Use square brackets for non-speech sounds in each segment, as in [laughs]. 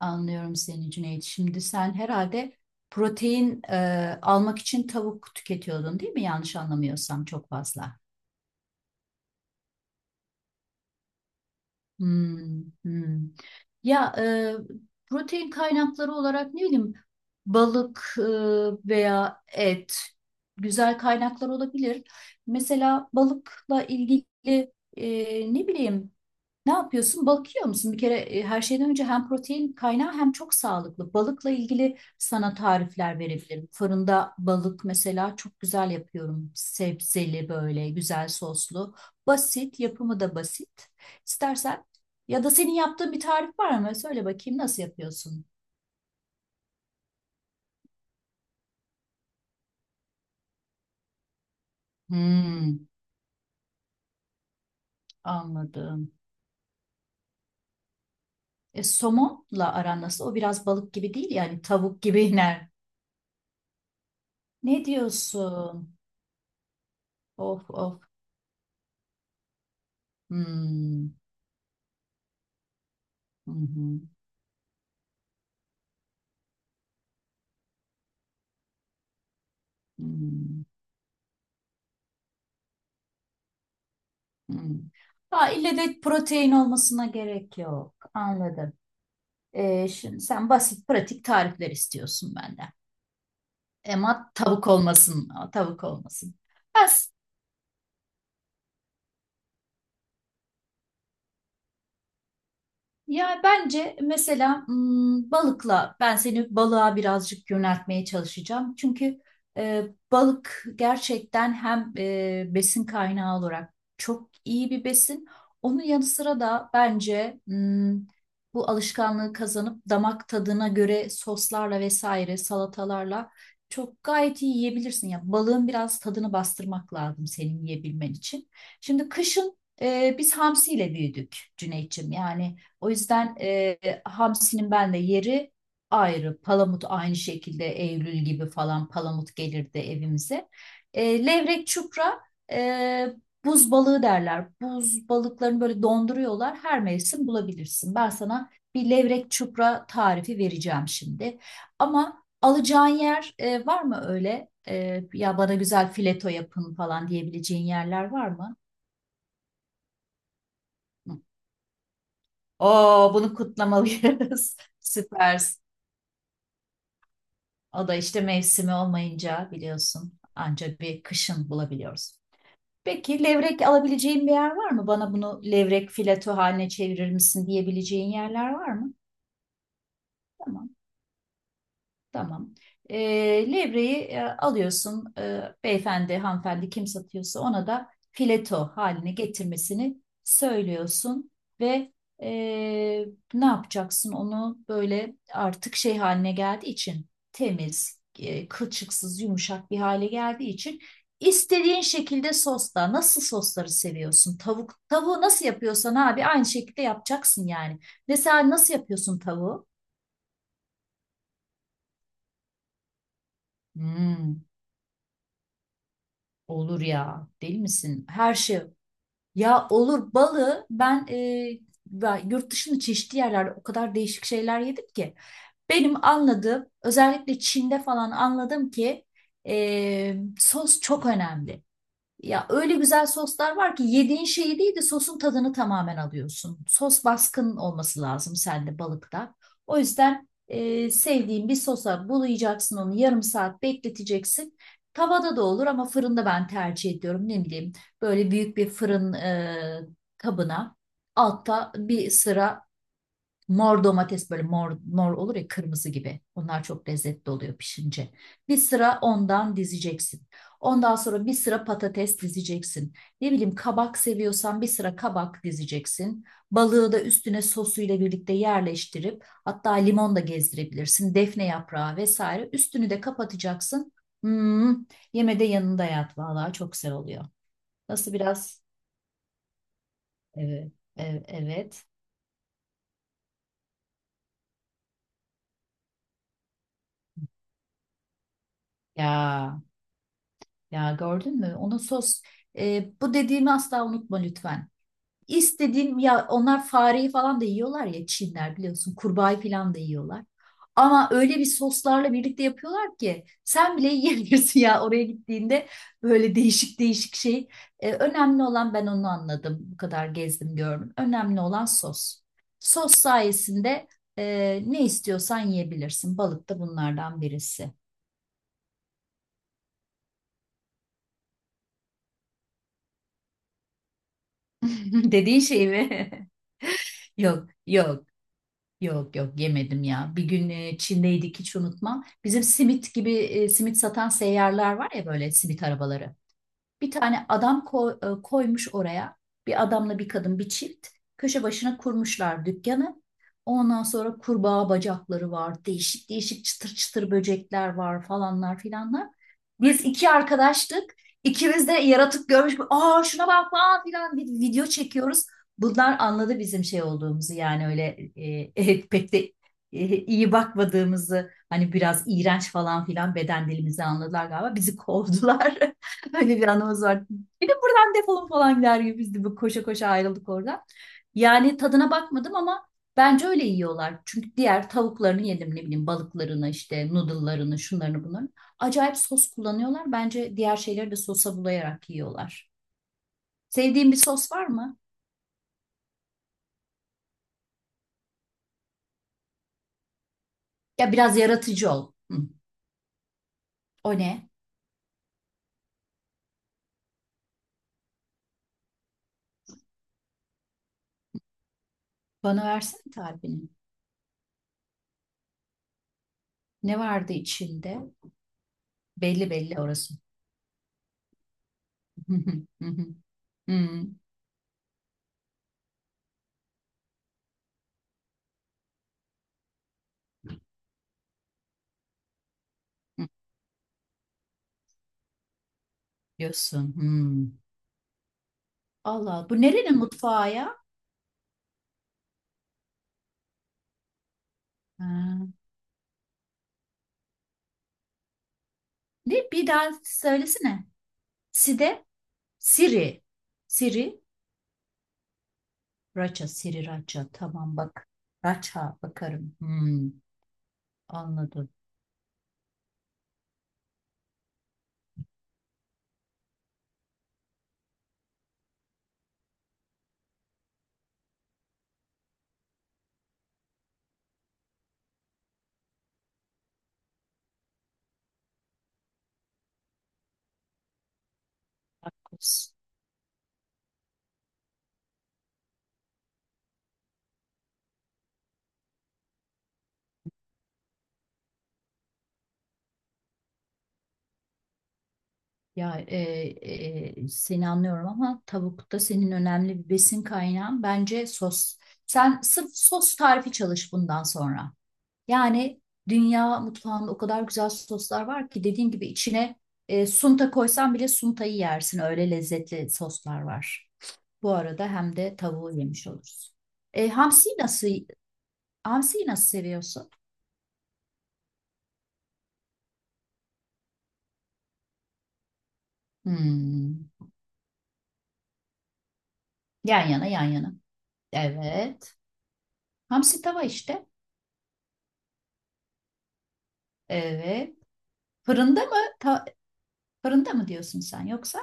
Anlıyorum seni Cüneyt. Şimdi sen herhalde protein almak için tavuk tüketiyordun, değil mi? Yanlış anlamıyorsam çok fazla. Hmm, hmm. Ya protein kaynakları olarak, ne bileyim, balık veya et güzel kaynaklar olabilir. Mesela balıkla ilgili ne bileyim, ne yapıyorsun? Bakıyor musun? Bir kere her şeyden önce hem protein kaynağı hem çok sağlıklı. Balıkla ilgili sana tarifler verebilirim. Fırında balık mesela çok güzel yapıyorum. Sebzeli, böyle güzel soslu. Basit, yapımı da basit. İstersen, ya da senin yaptığın bir tarif var mı? Söyle bakayım, nasıl yapıyorsun? Hmm, anladım. Somonla aran nasıl? O biraz balık gibi değil, yani tavuk gibi [laughs] iner. Ne diyorsun? Of of. Hmm. Hı hı. Hmm, hmm. Ha, ille de protein olmasına gerek yok. Anladım. Şimdi sen basit, pratik tarifler istiyorsun benden. Ama tavuk olmasın. Tavuk olmasın. Ben Ya bence mesela hmm, balıkla ben seni balığa birazcık yöneltmeye çalışacağım. Çünkü e, balık gerçekten hem besin kaynağı olarak çok iyi bir besin. Onun yanı sıra da bence hmm, bu alışkanlığı kazanıp damak tadına göre soslarla vesaire, salatalarla çok gayet iyi yiyebilirsin. Ya balığın biraz tadını bastırmak lazım, senin yiyebilmen için. Şimdi kışın biz hamsiyle büyüdük Cüneyt'ciğim. Yani o yüzden hamsinin benle yeri ayrı. Palamut aynı şekilde, Eylül gibi falan palamut gelirdi evimize. Levrek, çupra, e, buz balığı derler. Buz balıklarını böyle donduruyorlar. Her mevsim bulabilirsin. Ben sana bir levrek, çupra tarifi vereceğim şimdi. Ama alacağın yer var mı öyle? E, ya bana güzel fileto yapın falan diyebileceğin yerler var mı? Hı. Oo, bunu kutlamalıyız. [laughs] Süper. O da işte mevsimi olmayınca biliyorsun, ancak bir kışın bulabiliyoruz. Peki levrek alabileceğin bir yer var mı? Bana bunu levrek fileto haline çevirir misin diyebileceğin yerler var mı? Tamam. Tamam. Levreyi alıyorsun. Beyefendi, hanımefendi, kim satıyorsa ona da fileto haline getirmesini söylüyorsun ve e, ne yapacaksın, onu böyle artık şey haline geldiği için, temiz, kılçıksız, yumuşak bir hale geldiği için istediğin şekilde sosla, nasıl sosları seviyorsun? Tavuk, tavuğu nasıl yapıyorsan abi, aynı şekilde yapacaksın yani. Mesela nasıl yapıyorsun tavuğu? Hmm. Olur ya, değil misin? Her şey. Ya olur balı ben, ben yurt dışında çeşitli yerlerde o kadar değişik şeyler yedim ki. Benim anladığım, özellikle Çin'de falan anladım ki sos çok önemli. Ya öyle güzel soslar var ki yediğin şeyi değil de sosun tadını tamamen alıyorsun. Sos baskın olması lazım sende, balıkta. O yüzden sevdiğin bir sosa bulayacaksın, onu yarım saat bekleteceksin. Tavada da olur ama fırında ben tercih ediyorum. Ne bileyim, böyle büyük bir fırın kabına, altta bir sıra mor domates, böyle mor olur ya, kırmızı gibi. Onlar çok lezzetli oluyor pişince. Bir sıra ondan dizeceksin. Ondan sonra bir sıra patates dizeceksin. Ne bileyim, kabak seviyorsan bir sıra kabak dizeceksin. Balığı da üstüne sosuyla birlikte yerleştirip, hatta limon da gezdirebilirsin. Defne yaprağı vesaire. Üstünü de kapatacaksın. Hmm, yemede yanında yat. Vallahi çok güzel oluyor. Nasıl biraz? Evet, evet, evet. Ya ya gördün mü? Onun sos bu dediğimi asla unutma lütfen. İstediğim ya, onlar fareyi falan da yiyorlar ya, Çinler biliyorsun kurbağayı falan da yiyorlar. Ama öyle bir soslarla birlikte yapıyorlar ki sen bile yiyebilirsin ya, oraya gittiğinde böyle değişik değişik şey. E, önemli olan, ben onu anladım. Bu kadar gezdim gördüm. Önemli olan sos. Sos sayesinde e, ne istiyorsan yiyebilirsin. Balık da bunlardan birisi. [laughs] Dediğin şey mi? [laughs] Yok, yok. Yok yok, yemedim ya. Bir gün Çin'deydik, hiç unutmam. Bizim simit gibi, simit satan seyyarlar var ya, böyle simit arabaları. Bir tane adam koymuş oraya. Bir adamla bir kadın, bir çift. Köşe başına kurmuşlar dükkanı. Ondan sonra kurbağa bacakları var. Değişik değişik çıtır çıtır böcekler var, falanlar filanlar. Biz iki arkadaştık. İkimiz de yaratık görmüş. Aa şuna bak falan filan, bir video çekiyoruz. Bunlar anladı bizim şey olduğumuzu, yani öyle e, [laughs] pek de iyi bakmadığımızı, hani biraz iğrenç falan filan, beden dilimizi anladılar galiba, bizi kovdular. [laughs] Öyle bir anımız var. Bir de buradan defolun falan der gibi, biz de bu koşa koşa ayrıldık oradan. Yani tadına bakmadım ama bence öyle yiyorlar. Çünkü diğer tavuklarını yedim, ne bileyim, balıklarını, işte noodle'larını, şunlarını bunlarını. Acayip sos kullanıyorlar. Bence diğer şeyleri de sosa bulayarak yiyorlar. Sevdiğin bir sos var mı? Ya biraz yaratıcı ol. Hı. O ne? Bana versene tarifini. Ne vardı içinde? Belli belli orası. [laughs] Hı hı, hı hı, hı hı, Allah Allah. Bu nerenin mutfağı ya? Ha. Ne? Bir daha söylesene. Side, Siri. Siri, Raça, Siri, Raça. Tamam bak. Raça bakarım. Hmm, anladım. Haklısın. Ya seni anlıyorum ama tavuk da senin önemli bir besin kaynağın. Bence sos. Sen sırf sos tarifi çalış bundan sonra. Yani dünya mutfağında o kadar güzel soslar var ki, dediğim gibi içine sunta koysan bile suntayı yersin. Öyle lezzetli soslar var. Bu arada hem de tavuğu yemiş oluruz. E, hamsiyi nasıl hamsiyi nasıl seviyorsun? Hmm. Yan yana, yan yana. Evet. Hamsi tava işte. Evet. Fırında mı? Fırında mı diyorsun sen yoksa?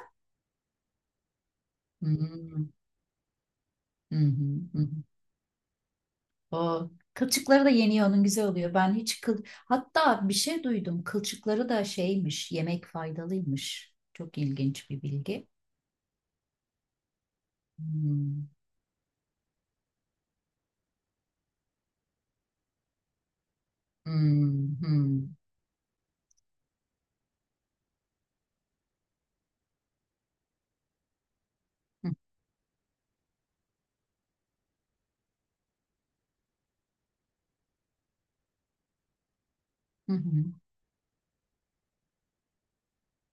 Hmm. Hı hı hı, hı. O kılçıkları da yeniyor onun, güzel oluyor. Ben hiç kıl, hatta bir şey duydum. Kılçıkları da şeymiş, yemek faydalıymış. Çok ilginç bir bilgi. Hmm, hmm, hmm, hı, hı, hı,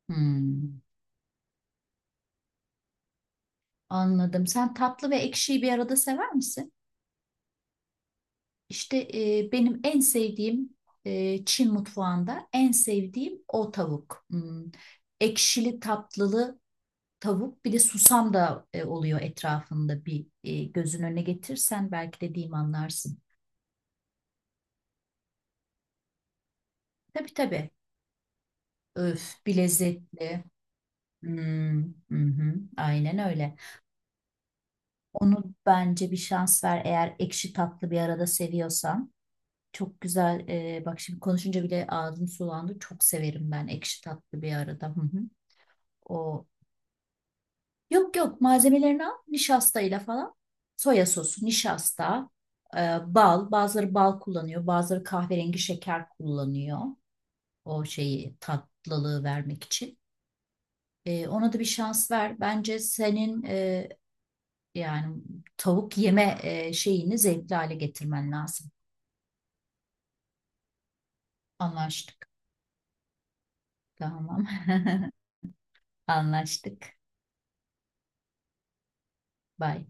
hmm. Anladım. Sen tatlı ve ekşiyi bir arada sever misin? İşte benim en sevdiğim, Çin mutfağında en sevdiğim o tavuk. Hmm. Ekşili tatlılı tavuk, bir de susam da oluyor etrafında, bir gözün önüne getirsen belki dediğimi anlarsın. Tabii tabii. Öf bir lezzetli. Hmm, hı hı, aynen öyle. Onu bence bir şans ver, eğer ekşi tatlı bir arada seviyorsan. Çok güzel. Bak şimdi konuşunca bile ağzım sulandı. Çok severim ben ekşi tatlı bir arada. Hı hı. O yok yok, malzemelerini al nişastayla falan. Soya sosu, nişasta, e, bal. Bazıları bal kullanıyor, bazıları kahverengi şeker kullanıyor. O şeyi, tatlılığı vermek için. Ona da bir şans ver. Bence senin yani tavuk yeme şeyini zevkli hale getirmen lazım. Anlaştık. Tamam. [laughs] Anlaştık. Bye.